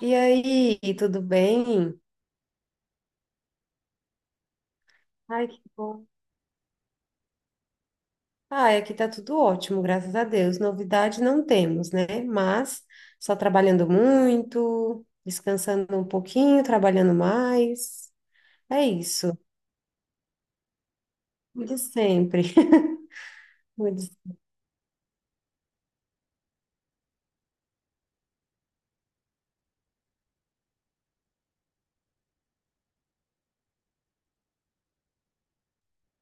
E aí, tudo bem? Ai, que bom. Ai, aqui tá tudo ótimo, graças a Deus. Novidade não temos, né? Mas só trabalhando muito, descansando um pouquinho, trabalhando mais. É isso, o de sempre. O de-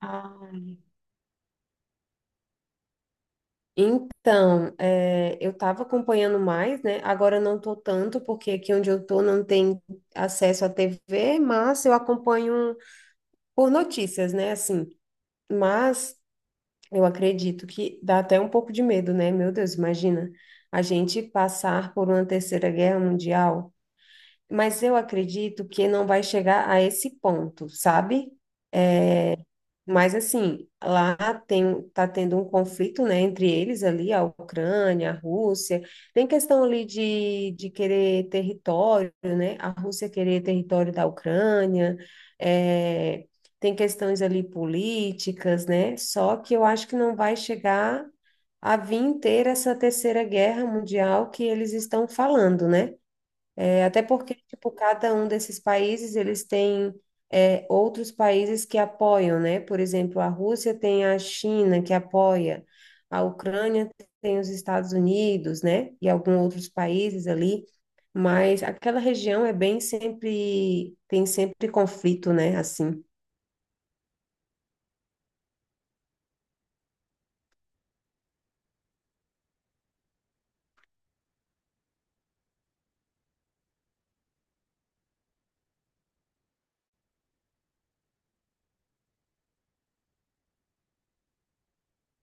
Ai, então, eu estava acompanhando mais, né? Agora eu não tô tanto, porque aqui onde eu tô não tem acesso à TV, mas eu acompanho por notícias, né? Assim, mas eu acredito que dá até um pouco de medo, né? Meu Deus, imagina a gente passar por uma terceira guerra mundial. Mas eu acredito que não vai chegar a esse ponto, sabe? Mas assim, lá tá tendo um conflito, né, entre eles ali, a Ucrânia, a Rússia. Tem questão ali de querer território, né? A Rússia querer território da Ucrânia. é, Tem questões ali políticas, né? Só que eu acho que não vai chegar a vir ter essa terceira guerra mundial que eles estão falando, né? É, Até porque, tipo, cada um desses países, eles têm outros países que apoiam, né? Por exemplo, a Rússia tem a China que apoia, a Ucrânia tem os Estados Unidos, né? E alguns outros países ali, mas aquela região é bem sempre, tem sempre conflito, né? Assim,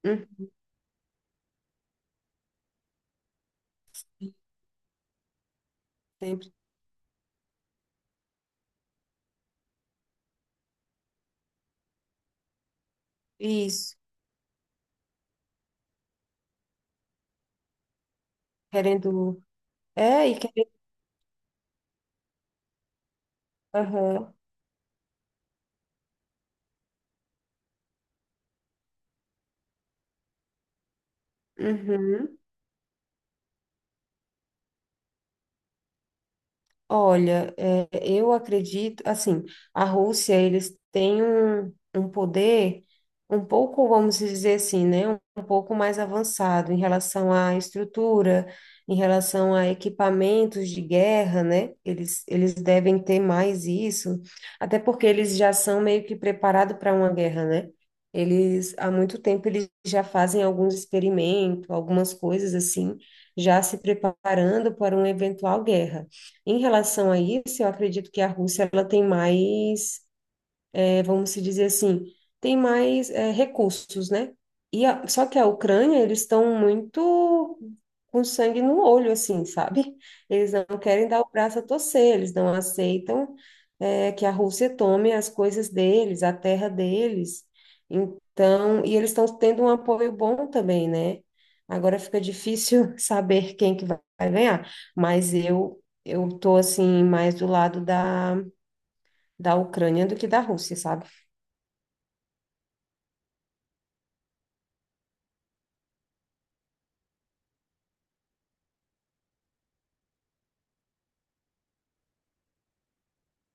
uhum, sempre isso, querendo, é, e querendo, aham, uhum. Olha, eu acredito, assim, a Rússia, eles têm um poder um pouco, vamos dizer assim, né, um pouco mais avançado em relação à estrutura, em relação a equipamentos de guerra, né, eles devem ter mais isso, até porque eles já são meio que preparados para uma guerra, né, eles, há muito tempo, eles já fazem alguns experimentos, algumas coisas assim, já se preparando para uma eventual guerra. Em relação a isso, eu acredito que a Rússia ela tem mais vamos se dizer assim, tem mais recursos, né? E a- só que a Ucrânia, eles estão muito com sangue no olho, assim, sabe? Eles não querem dar o braço a torcer, eles não aceitam que a Rússia tome as coisas deles, a terra deles. Então, e eles estão tendo um apoio bom também, né? Agora fica difícil saber quem que vai ganhar, mas eu tô assim mais do lado da, da Ucrânia do que da Rússia, sabe?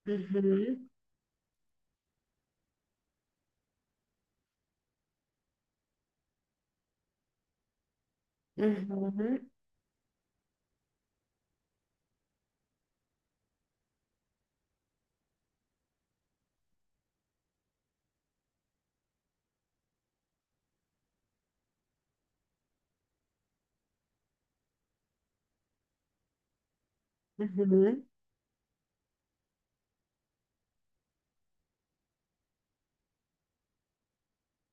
Uhum, uhum, uhum,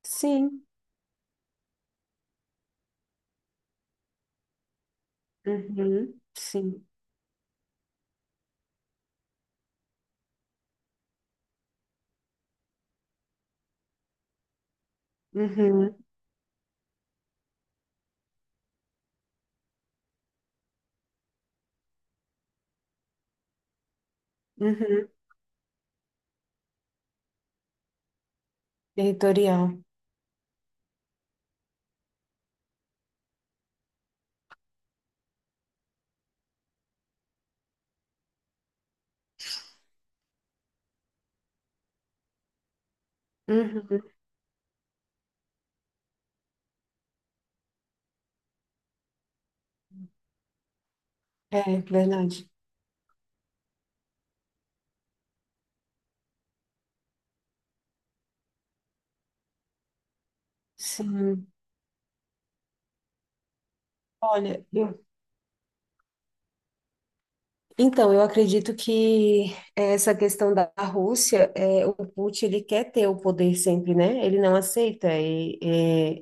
sim, uhum, sim. Uhum, uhum, territorial. Uhum. É, verdade. Sim. Olha, eu então, eu acredito que essa questão da Rússia, é, o Putin, ele quer ter o poder sempre, né? Ele não aceita. E,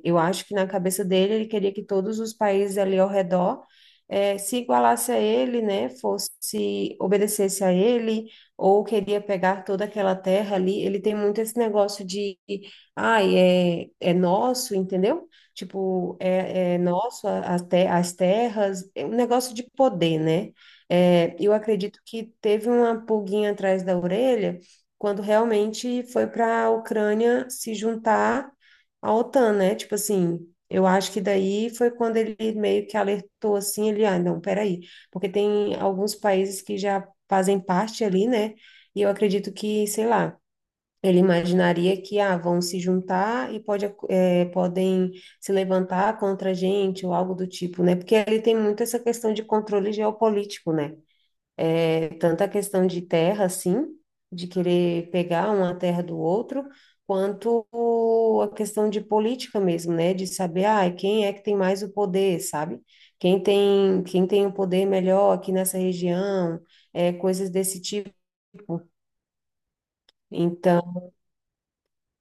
é, eu acho que na cabeça dele, ele queria que todos os países ali ao redor, se igualasse a ele, né? Fosse, obedecesse a ele, ou queria pegar toda aquela terra ali. Ele tem muito esse negócio de, ai, é, é nosso, entendeu? Tipo, é, é nosso a te- as terras, é um negócio de poder, né? É, eu acredito que teve uma pulguinha atrás da orelha quando realmente foi para a Ucrânia se juntar à OTAN, né? Tipo assim, eu acho que daí foi quando ele meio que alertou assim, ele, ah, não, peraí, porque tem alguns países que já fazem parte ali, né? E eu acredito que, sei lá, ele imaginaria que, ah, vão se juntar e pode, ac- é, podem se levantar contra a gente ou algo do tipo, né? Porque ele tem muito essa questão de controle geopolítico, né? Tanto a questão de terra, assim, de querer pegar uma terra do outro, quanto a questão de política mesmo, né? De saber, ah, quem é que tem mais o poder, sabe? Quem tem o poder melhor aqui nessa região, é, coisas desse tipo. Então,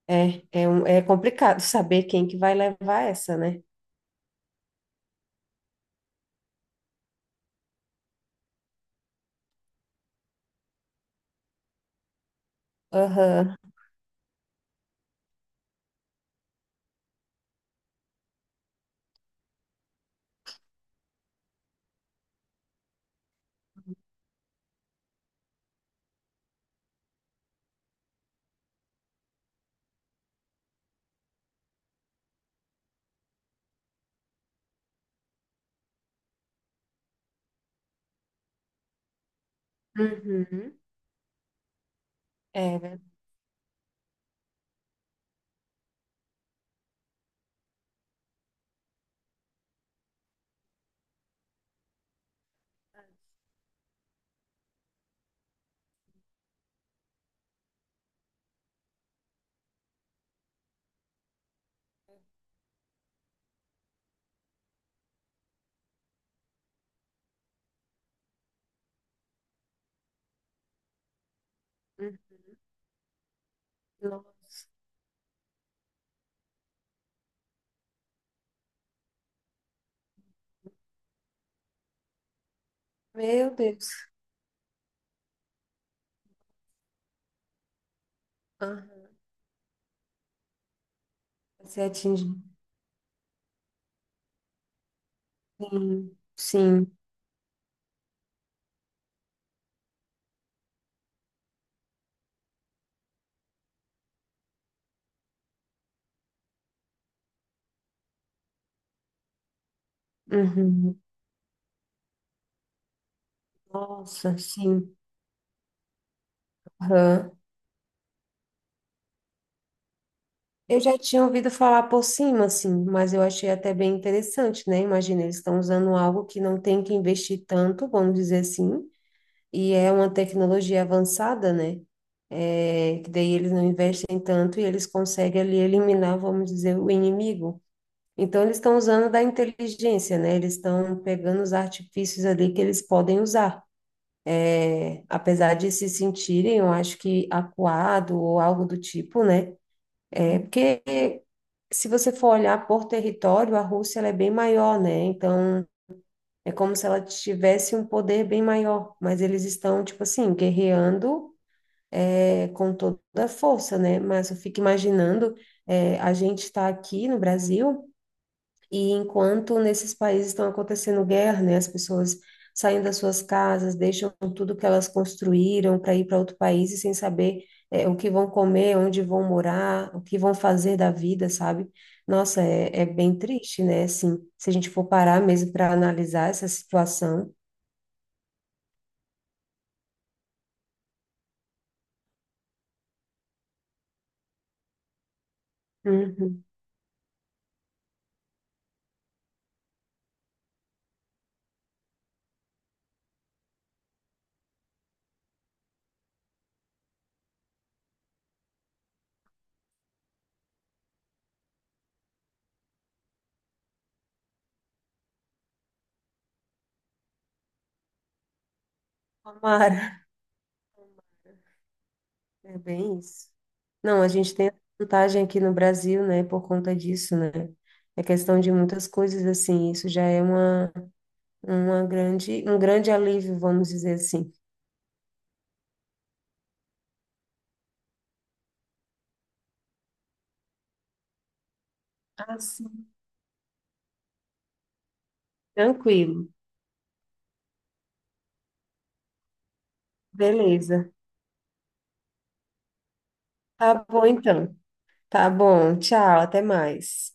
um- é complicado saber quem que vai levar essa, né? Aham. Uhum. É, verdade. Nossa. Meu Deus. Aham. Você atinge. Sim. Sim. Uhum. Nossa, sim. Aham. Eu já tinha ouvido falar por cima, assim, mas eu achei até bem interessante, né? Imagina, eles estão usando algo que não tem que investir tanto, vamos dizer assim, e é uma tecnologia avançada, né? É, que daí eles não investem tanto e eles conseguem ali eliminar, vamos dizer, o inimigo. Então, eles estão usando da inteligência, né? Eles estão pegando os artifícios ali que eles podem usar. Apesar de se sentirem, eu acho que acuado ou algo do tipo, né? É porque se você for olhar por território, a Rússia ela é bem maior, né? Então é como se ela tivesse um poder bem maior, mas eles estão tipo assim guerreando com toda a força, né? Mas eu fico imaginando a gente está aqui no Brasil e enquanto nesses países estão acontecendo guerra, né, as pessoas saem das suas casas, deixam tudo que elas construíram para ir para outro país e sem saber o que vão comer, onde vão morar, o que vão fazer da vida, sabe? Nossa, é bem triste, né? Assim, se a gente for parar mesmo para analisar essa situação. Uhum. Tomara. É bem isso. Não, a gente tem a vantagem aqui no Brasil, né, por conta disso, né? É questão de muitas coisas, assim, isso já é uma grande, um grande alívio, vamos dizer assim. Ah, sim. Tranquilo, beleza. Tá bom então. Tá bom, tchau, até mais.